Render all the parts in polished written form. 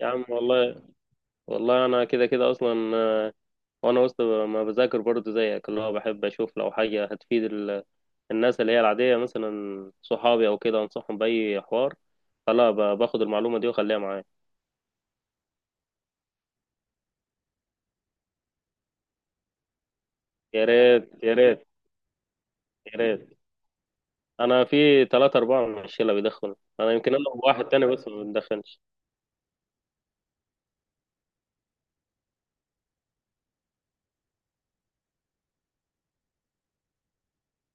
يا عم والله والله، انا كده كده اصلا، وانا وسط ما بذاكر برضه زيك، اللي هو بحب اشوف لو حاجه هتفيد الناس اللي هي العاديه، مثلا صحابي او كده، انصحهم باي حوار، فلا باخد المعلومه دي واخليها معايا. يا ريت، يا ريت، يا ريت. انا في ثلاثة أربعة من الشلة بيدخنوا. انا يمكن، انا وواحد تاني بس ما بندخنش.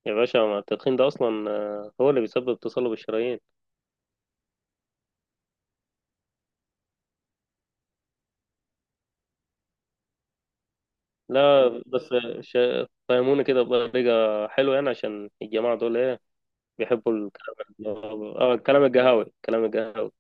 يا باشا، ما التدخين ده اصلا هو اللي بيسبب تصلب الشرايين. لا بس، ش- فهموني كده بطريقه حلوه يعني، عشان الجماعه دول ايه بيحبوا الكلام الكلام القهاوي، الكلام القهاوي.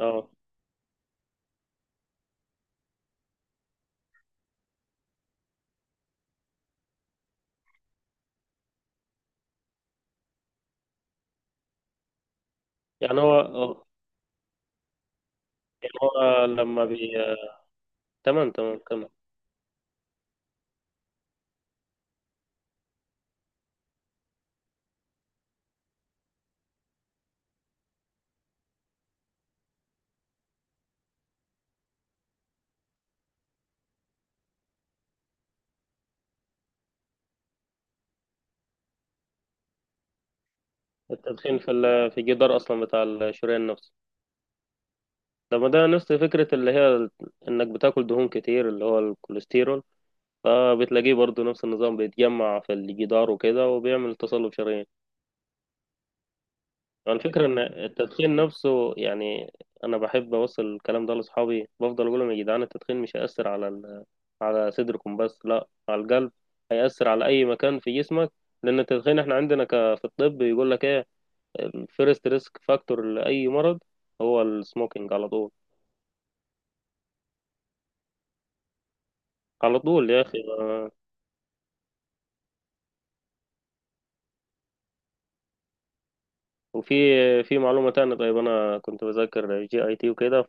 اه، يعني هو آه، يعني هو لما بي تمام، تمام، تمام. التدخين في الجدار اصلا بتاع الشريان نفسه. لما ده نفس فكرة اللي هي انك بتاكل دهون كتير اللي هو الكوليسترول، فبتلاقيه برضو نفس النظام بيتجمع في الجدار وكده وبيعمل تصلب شرايين. الفكرة إن التدخين نفسه يعني، أنا بحب أوصل الكلام ده لأصحابي، بفضل أقول لهم يا جدعان التدخين مش هيأثر على صدركم بس، لا، على القلب، هيأثر على أي مكان في جسمك. لأن التدخين، إحنا عندنا في الطب يقول لك إيه؟ الفيرست ريسك فاكتور لأي مرض هو السموكينج على طول. على طول يا أخي، وفي معلومة تانية. طيب، أنا كنت بذاكر جي أي تي وكده،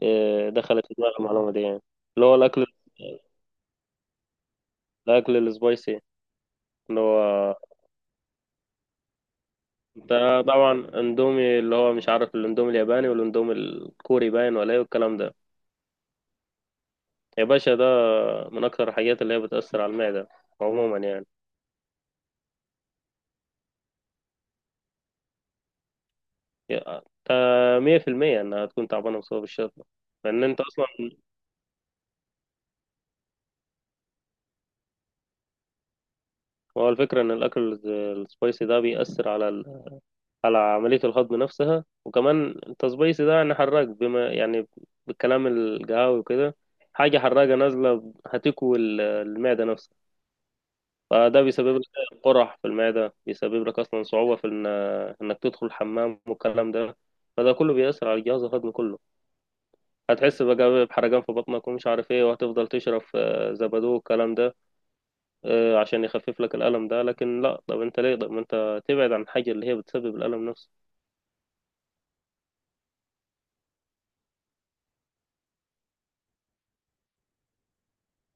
فدخلت في دماغي المعلومة دي يعني. اللي هو الأكل، الأكل السبايسي، اللي هو ده طبعا اندومي، اللي هو مش عارف الاندومي الياباني والاندومي الكوري باين، ولا ايه والكلام ده. يا باشا، ده من اكتر الحاجات اللي هي بتأثر على المعدة عموما يعني. مية في المية انها تكون تعبانة بسبب الشطة، لان انت اصلا. هو الفكرة ان الاكل السبايسي ده بيأثر على عملية الهضم نفسها. وكمان انت سبايسي ده يعني حراق، بما يعني بالكلام القهاوي وكده، حاجة حراقة نازلة هتكوي المعدة. فده بيسبب لك قرح في المعدة، بيسبب لك أصلا صعوبة في إنك تدخل الحمام والكلام ده. فده كله بيأثر على الجهاز الهضمي كله. هتحس بقى بحرقان في بطنك ومش عارف ايه، وهتفضل تشرب زبادو والكلام ده عشان يخفف لك الألم ده. لكن لا، طب انت ليه؟ طب ما انت تبعد عن الحاجة اللي هي بتسبب الألم نفسه.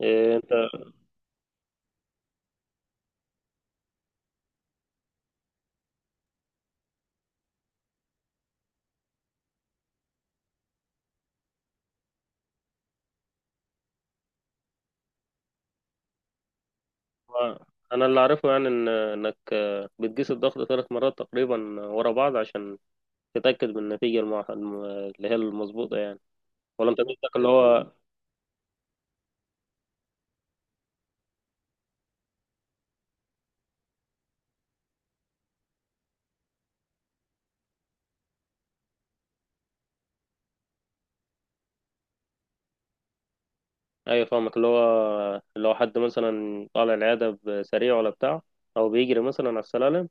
انت، انا اللي اعرفه يعني إن انك، بتقيس الضغط 3 مرات تقريبا ورا بعض عشان تتأكد من النتيجة اللي هي المظبوطة يعني. ولا انت قصدك اللي هو؟ ايوه، فاهمك، اللي هو لو حد مثلا طالع العياده بسريع ولا بتاع، او بيجري مثلا على السلالم،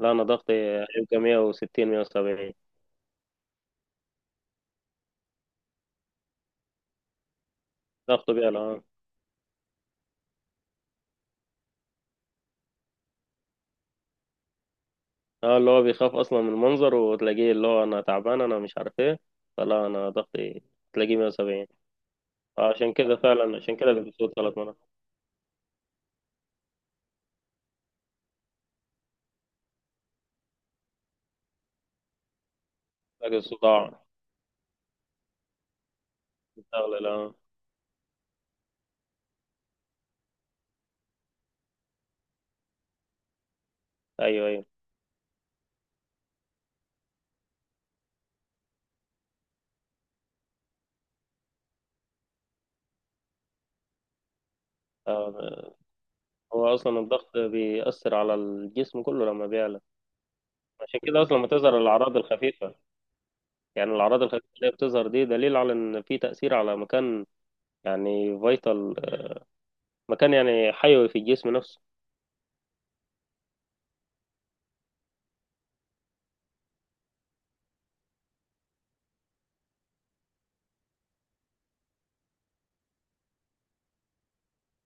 لا، انا ضغطي هيبقى 160 170. ضغطه بيعلى، اه، اه، اللي هو بيخاف اصلا من المنظر، وتلاقيه اللي هو انا تعبان انا مش عارف ايه، فلا انا ضغطي تلاقيه 170. عشان كده فعلا، عشان كده اللي بيسود 3 مرات. تلاقي الصداع بيستغل، اه. ايوه، ايوه، آه، هو اصلا الضغط بيأثر على الجسم كله لما بيعلى. عشان كده اصلا ما تظهر الاعراض الخفيفه، يعني الأعراض الخفيفة اللي هي بتظهر دي دليل على إن في تأثير على مكان، يعني فيتال، مكان يعني حيوي في الجسم نفسه.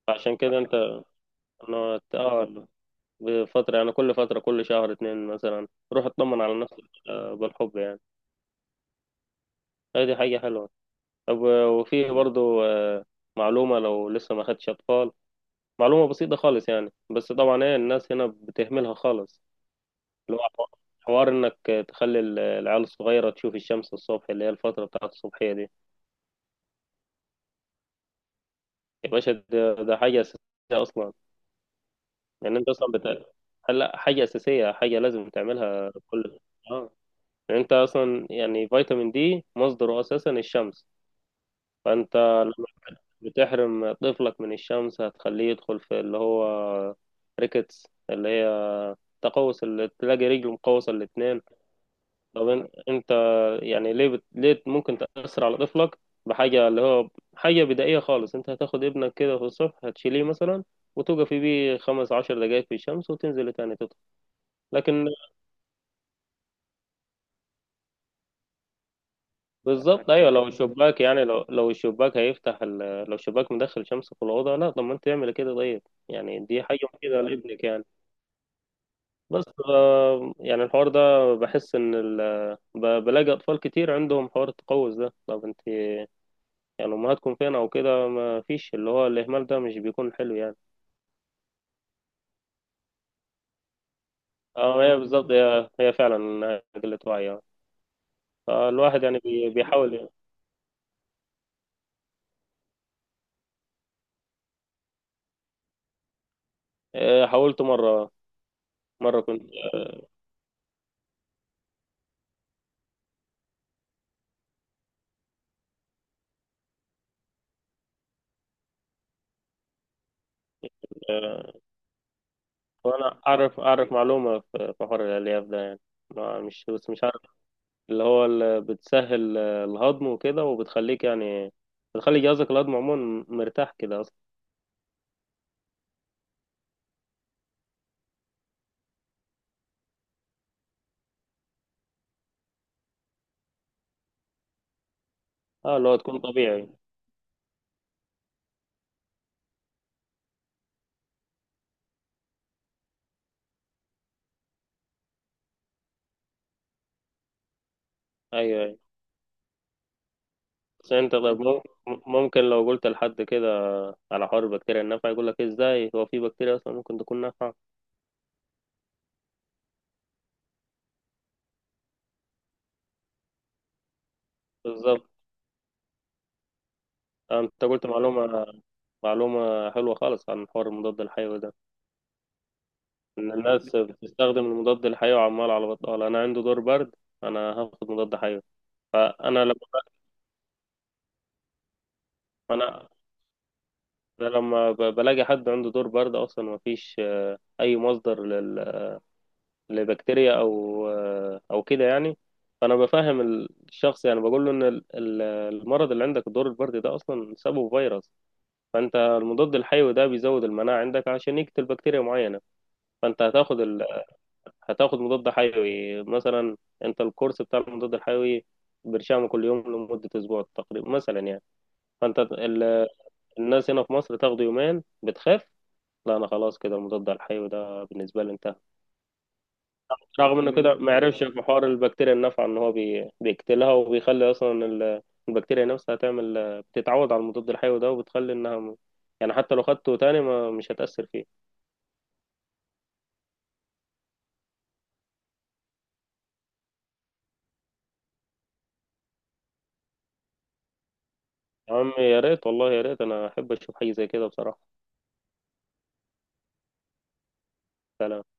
عشان كده أنت، أنا بفترة يعني، كل فترة كل شهر اتنين مثلا روح اطمن على نفسك، بالحب يعني. هي دي حاجة حلوة. طب وفي برضو معلومة لو لسه ما خدتش أطفال، معلومة بسيطة خالص يعني، بس طبعا ايه الناس هنا بتهملها خالص. اللي هو حوار انك تخلي العيال الصغيرة تشوف الشمس الصبح، اللي هي الفترة بتاعت الصبحية دي. يا باشا ده حاجة أساسية أصلا. يعني أنت أصلا هلا حاجة أساسية، حاجة لازم تعملها كل آه يعني أنت أصلا يعني، فيتامين دي مصدره أساسا الشمس. فأنت لما بتحرم طفلك من الشمس هتخليه يدخل في اللي هو ريكتس، اللي هي تقوس، اللي تلاقي رجله مقوسة الاتنين. طب انت، يعني ليه ليه ممكن تأثر على طفلك بحاجة، اللي هو حاجة بدائية خالص؟ انت هتاخد ابنك كده في الصبح، هتشيليه مثلا وتوقفي بيه 15 دقايق في الشمس وتنزلي تاني تطلع. لكن بالظبط، ايوه، لو الشباك يعني، لو الشباك هيفتح لو الشباك مدخل شمس في الأوضة، لا طب ما انت تعمل كده طيب؟ يعني دي حاجة مفيدة لابنك يعني. بس يعني الحوار ده بحس ان بلاقي اطفال كتير عندهم حوار التقوس ده. طب انت، يعني امهاتكم فين او كده؟ ما فيش، اللي هو الاهمال ده مش بيكون حلو يعني. اه، هي بالظبط، هي فعلا إنها قله وعي. فالواحد يعني بيحاول يعني. حاولت مره، مره كنت آه، وانا اعرف معلومه في حوار الالياف ده يعني، ما مش بس مش عارف. اللي بتسهل الهضم وكده، وبتخليك يعني، بتخلي جهازك الهضمي عموما مرتاح كده اصلا. اه، اللي هو تكون طبيعي. ايوه، ايوه. بس انت طيب، ممكن لو قلت لحد كده على حوار البكتيريا النافعة، يقول لك ازاي هو في بكتيريا اصلا ممكن تكون نافعة؟ بالظبط. انت قلت معلومة، معلومة حلوة خالص عن حوار المضاد الحيوي ده، ان الناس بتستخدم المضاد الحيوي عمال على بطال. انا عندي دور برد، انا هاخد مضاد حيوي. انا لما انا أنا لما بلاقي حد عنده دور برد اصلا، ما فيش اي مصدر لبكتيريا او كده يعني. فانا بفهم الشخص يعني، بقول له ان المرض اللي عندك دور البرد ده اصلا سببه فيروس. فانت المضاد الحيوي ده بيزود المناعة عندك عشان يقتل بكتيريا معينة. فانت هتاخد مضاد حيوي مثلا. انت الكورس بتاع المضاد الحيوي برشامه كل يوم لمدة أسبوع تقريبا مثلا يعني. فأنت ال... الناس هنا في مصر تاخده يومين بتخاف. لا، أنا خلاص كده المضاد الحيوي ده بالنسبة لي انتهى. رغم إنه كده ما يعرفش في حوار البكتيريا النافعة إن هو بيقتلها، وبيخلي أصلا البكتيريا نفسها تعمل، بتتعود على المضاد الحيوي ده، وبتخلي إنها يعني حتى لو خدته تاني ما مش هتأثر فيه. يا عم يا ريت، والله يا ريت، انا احب اشوف حاجه زي كده بصراحه. فعلا.